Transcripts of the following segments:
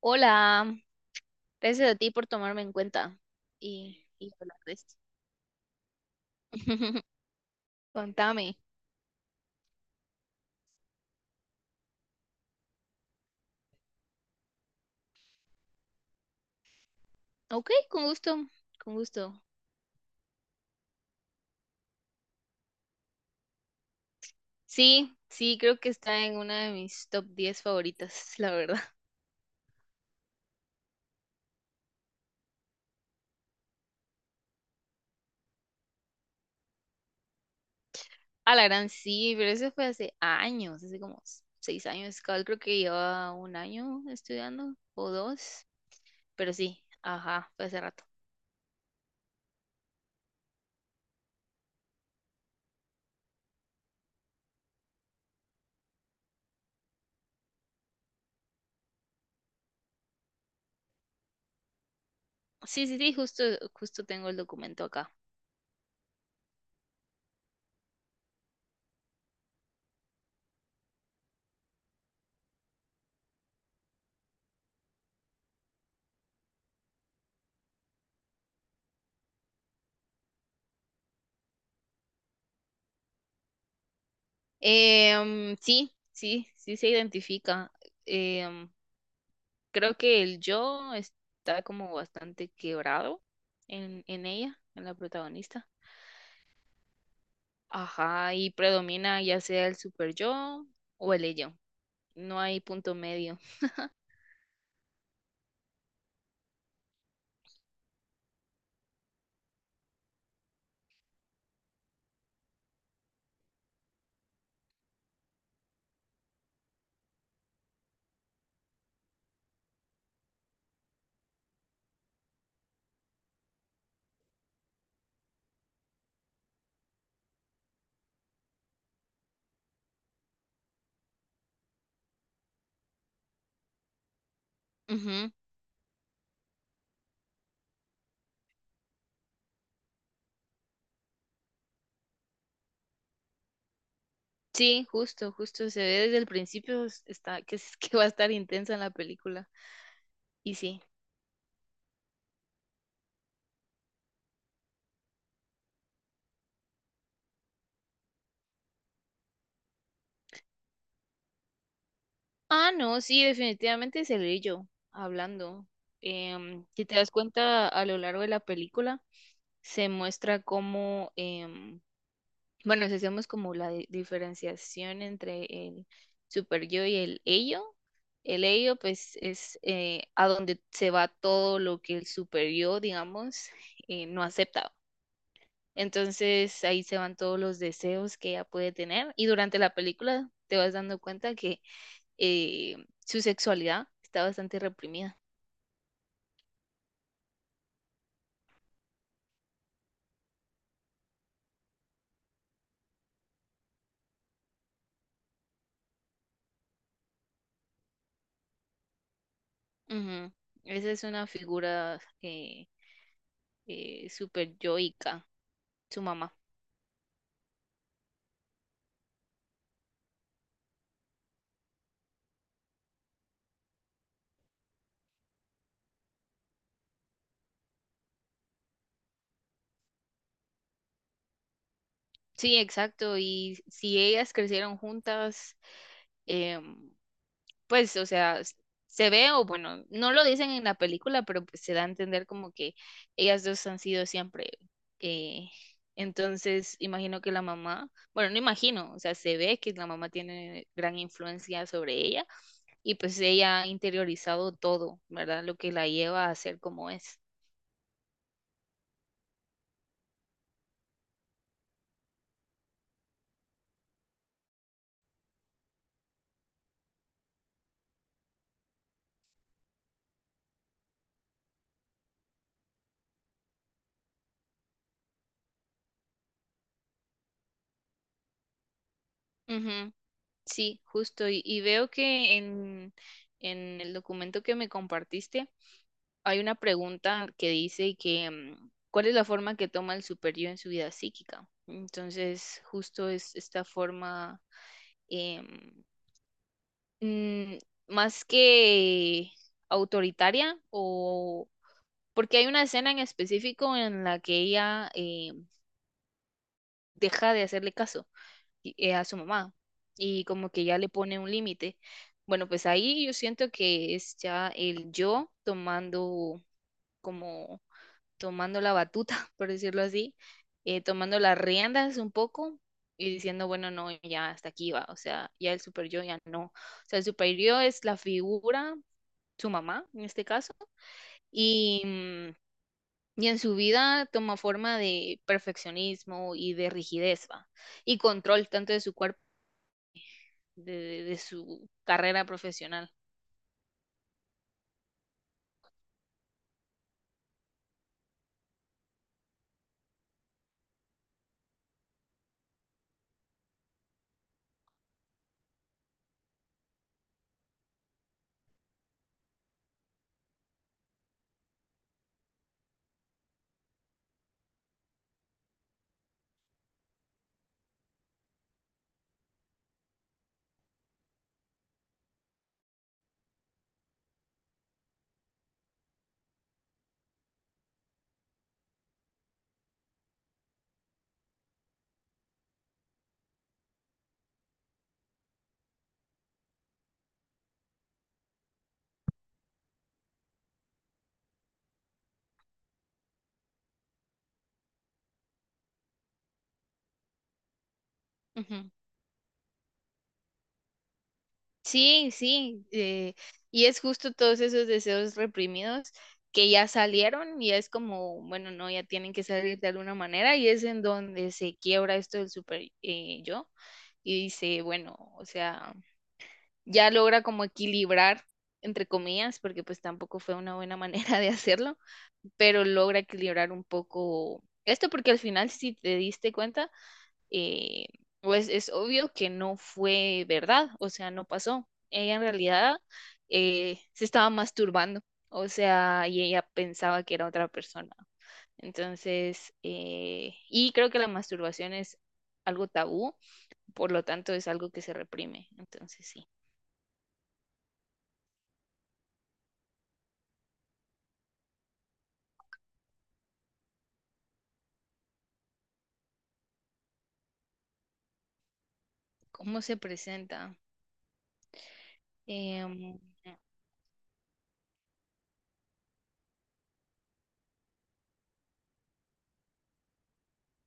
Hola, gracias a ti por tomarme en cuenta y hablar de esto. Contame. Ok, con gusto, con gusto. Sí, sí, creo que está en una de mis top 10 favoritas, la verdad. A la gran sí, pero eso fue hace años, hace como 6 años. Cabal, creo que llevaba un año estudiando o dos, pero sí, ajá, fue hace rato. Sí, sí, sí, justo tengo el documento acá. Sí, sí, sí se identifica. Em, Creo que el yo está como bastante quebrado en ella, en la protagonista. Ajá, y predomina ya sea el super yo o el ello. No hay punto medio. Ujú. Sí, justo, justo. Se ve desde el principio está, que va a estar intensa en la película. Y sí. Ah, no, sí, definitivamente es el ello hablando. Si te das cuenta, a lo largo de la película se muestra cómo bueno, si hacemos como la diferenciación entre el super yo y el ello pues es a donde se va todo lo que el super yo, digamos, no acepta. Entonces ahí se van todos los deseos que ella puede tener y durante la película te vas dando cuenta que eh, su sexualidad está bastante reprimida. Ujú. Esa es una figura eh, super yoica, su mamá. Sí, exacto. Y si ellas crecieron juntas, em, pues, o sea, se ve, o bueno, no lo dicen en la película, pero pues se da a entender como que ellas dos han sido siempre. eh, entonces, imagino que la mamá, bueno, no imagino, o sea, se ve que la mamá tiene gran influencia sobre ella y pues ella ha interiorizado todo, ¿verdad? Lo que la lleva a ser como es. Sí, justo. Y veo que en el documento que me compartiste hay una pregunta que dice que ¿cuál es la forma que toma el superior en su vida psíquica? Entonces, justo es esta forma em, mm, más que autoritaria o porque hay una escena en específico en la que ella deja de hacerle caso a su mamá y como que ya le pone un límite. Bueno, pues ahí yo siento que es ya el yo tomando como tomando la batuta, por decirlo así, tomando las riendas un poco y diciendo, bueno, no, ya hasta aquí va, o sea, ya el super yo ya no. O sea, el super yo es la figura, su mamá en este caso, y, mm, y en su vida toma forma de perfeccionismo y de rigidez, va, y control tanto de su cuerpo de su carrera profesional. Ujú. Sí, sí, y es justo todos esos deseos reprimidos que ya salieron y es como, bueno, no, ya tienen que salir de alguna manera y es en donde se quiebra esto del super yo y dice, bueno, o sea, ya logra como equilibrar, entre comillas, porque pues tampoco fue una buena manera de hacerlo, pero logra equilibrar un poco esto porque al final, si te diste cuenta, eh, pues es obvio que no fue verdad, o sea, no pasó. Ella en realidad se estaba masturbando, o sea, y ella pensaba que era otra persona. Entonces, y creo que la masturbación es algo tabú, por lo tanto es algo que se reprime. Entonces, sí. ¿Cómo se presenta? Em,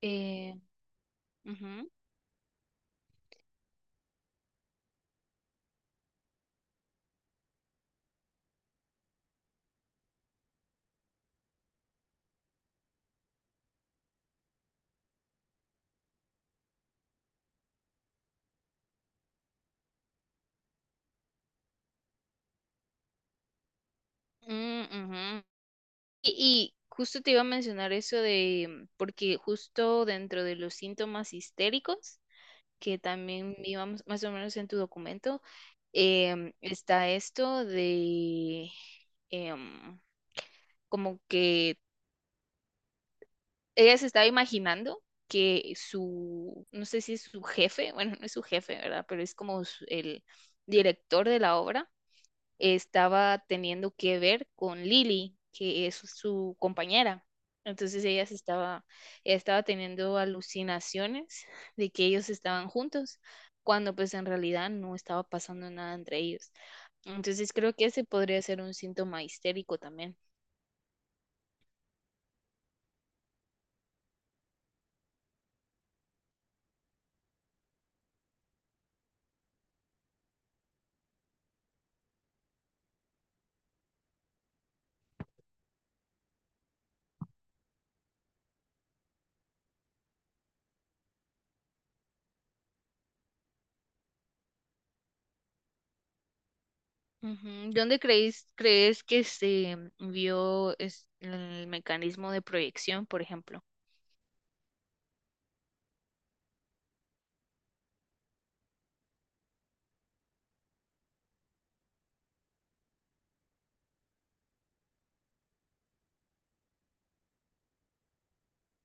eh, Ujú, mm, ujú. Y justo te iba a mencionar eso de, porque justo dentro de los síntomas histéricos, que también íbamos más o menos en tu documento, está esto de em, como que ella se estaba imaginando que su, no sé si es su jefe, bueno, no es su jefe, ¿verdad? Pero es como el director de la obra estaba teniendo que ver con Lily, que es su compañera. Entonces ella estaba teniendo alucinaciones de que ellos estaban juntos, cuando pues en realidad no estaba pasando nada entre ellos. Entonces creo que ese podría ser un síntoma histérico también. Ujú. ¿Dónde crees que se vio el mecanismo de proyección, por ejemplo?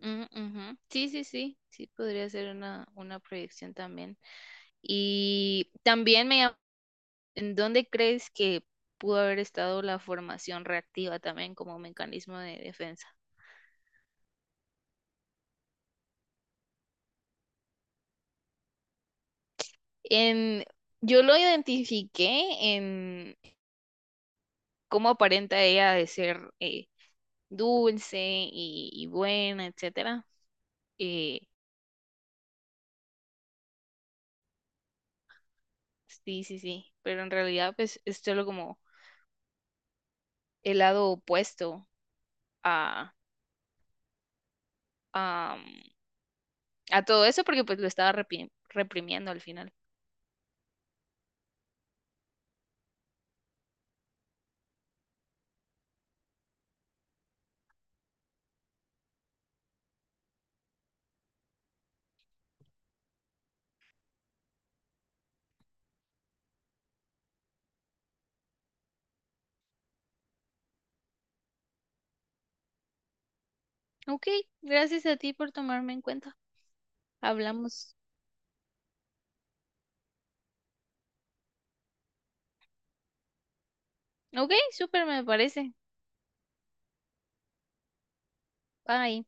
Mm, ujú. Sí, sí, sí, sí, podría ser una proyección también. Y también me llam- ¿En dónde crees que pudo haber estado la formación reactiva también como mecanismo de defensa? En, yo lo identifiqué en cómo aparenta ella de ser dulce y buena, etcétera. Eh, sí, sí, sí. Pero en realidad, pues, es solo como el lado opuesto a, a, a todo eso, porque pues lo estaba reprimiendo al final. Ok, gracias a ti por tomarme en cuenta. Hablamos. Ok, súper me parece. Bye.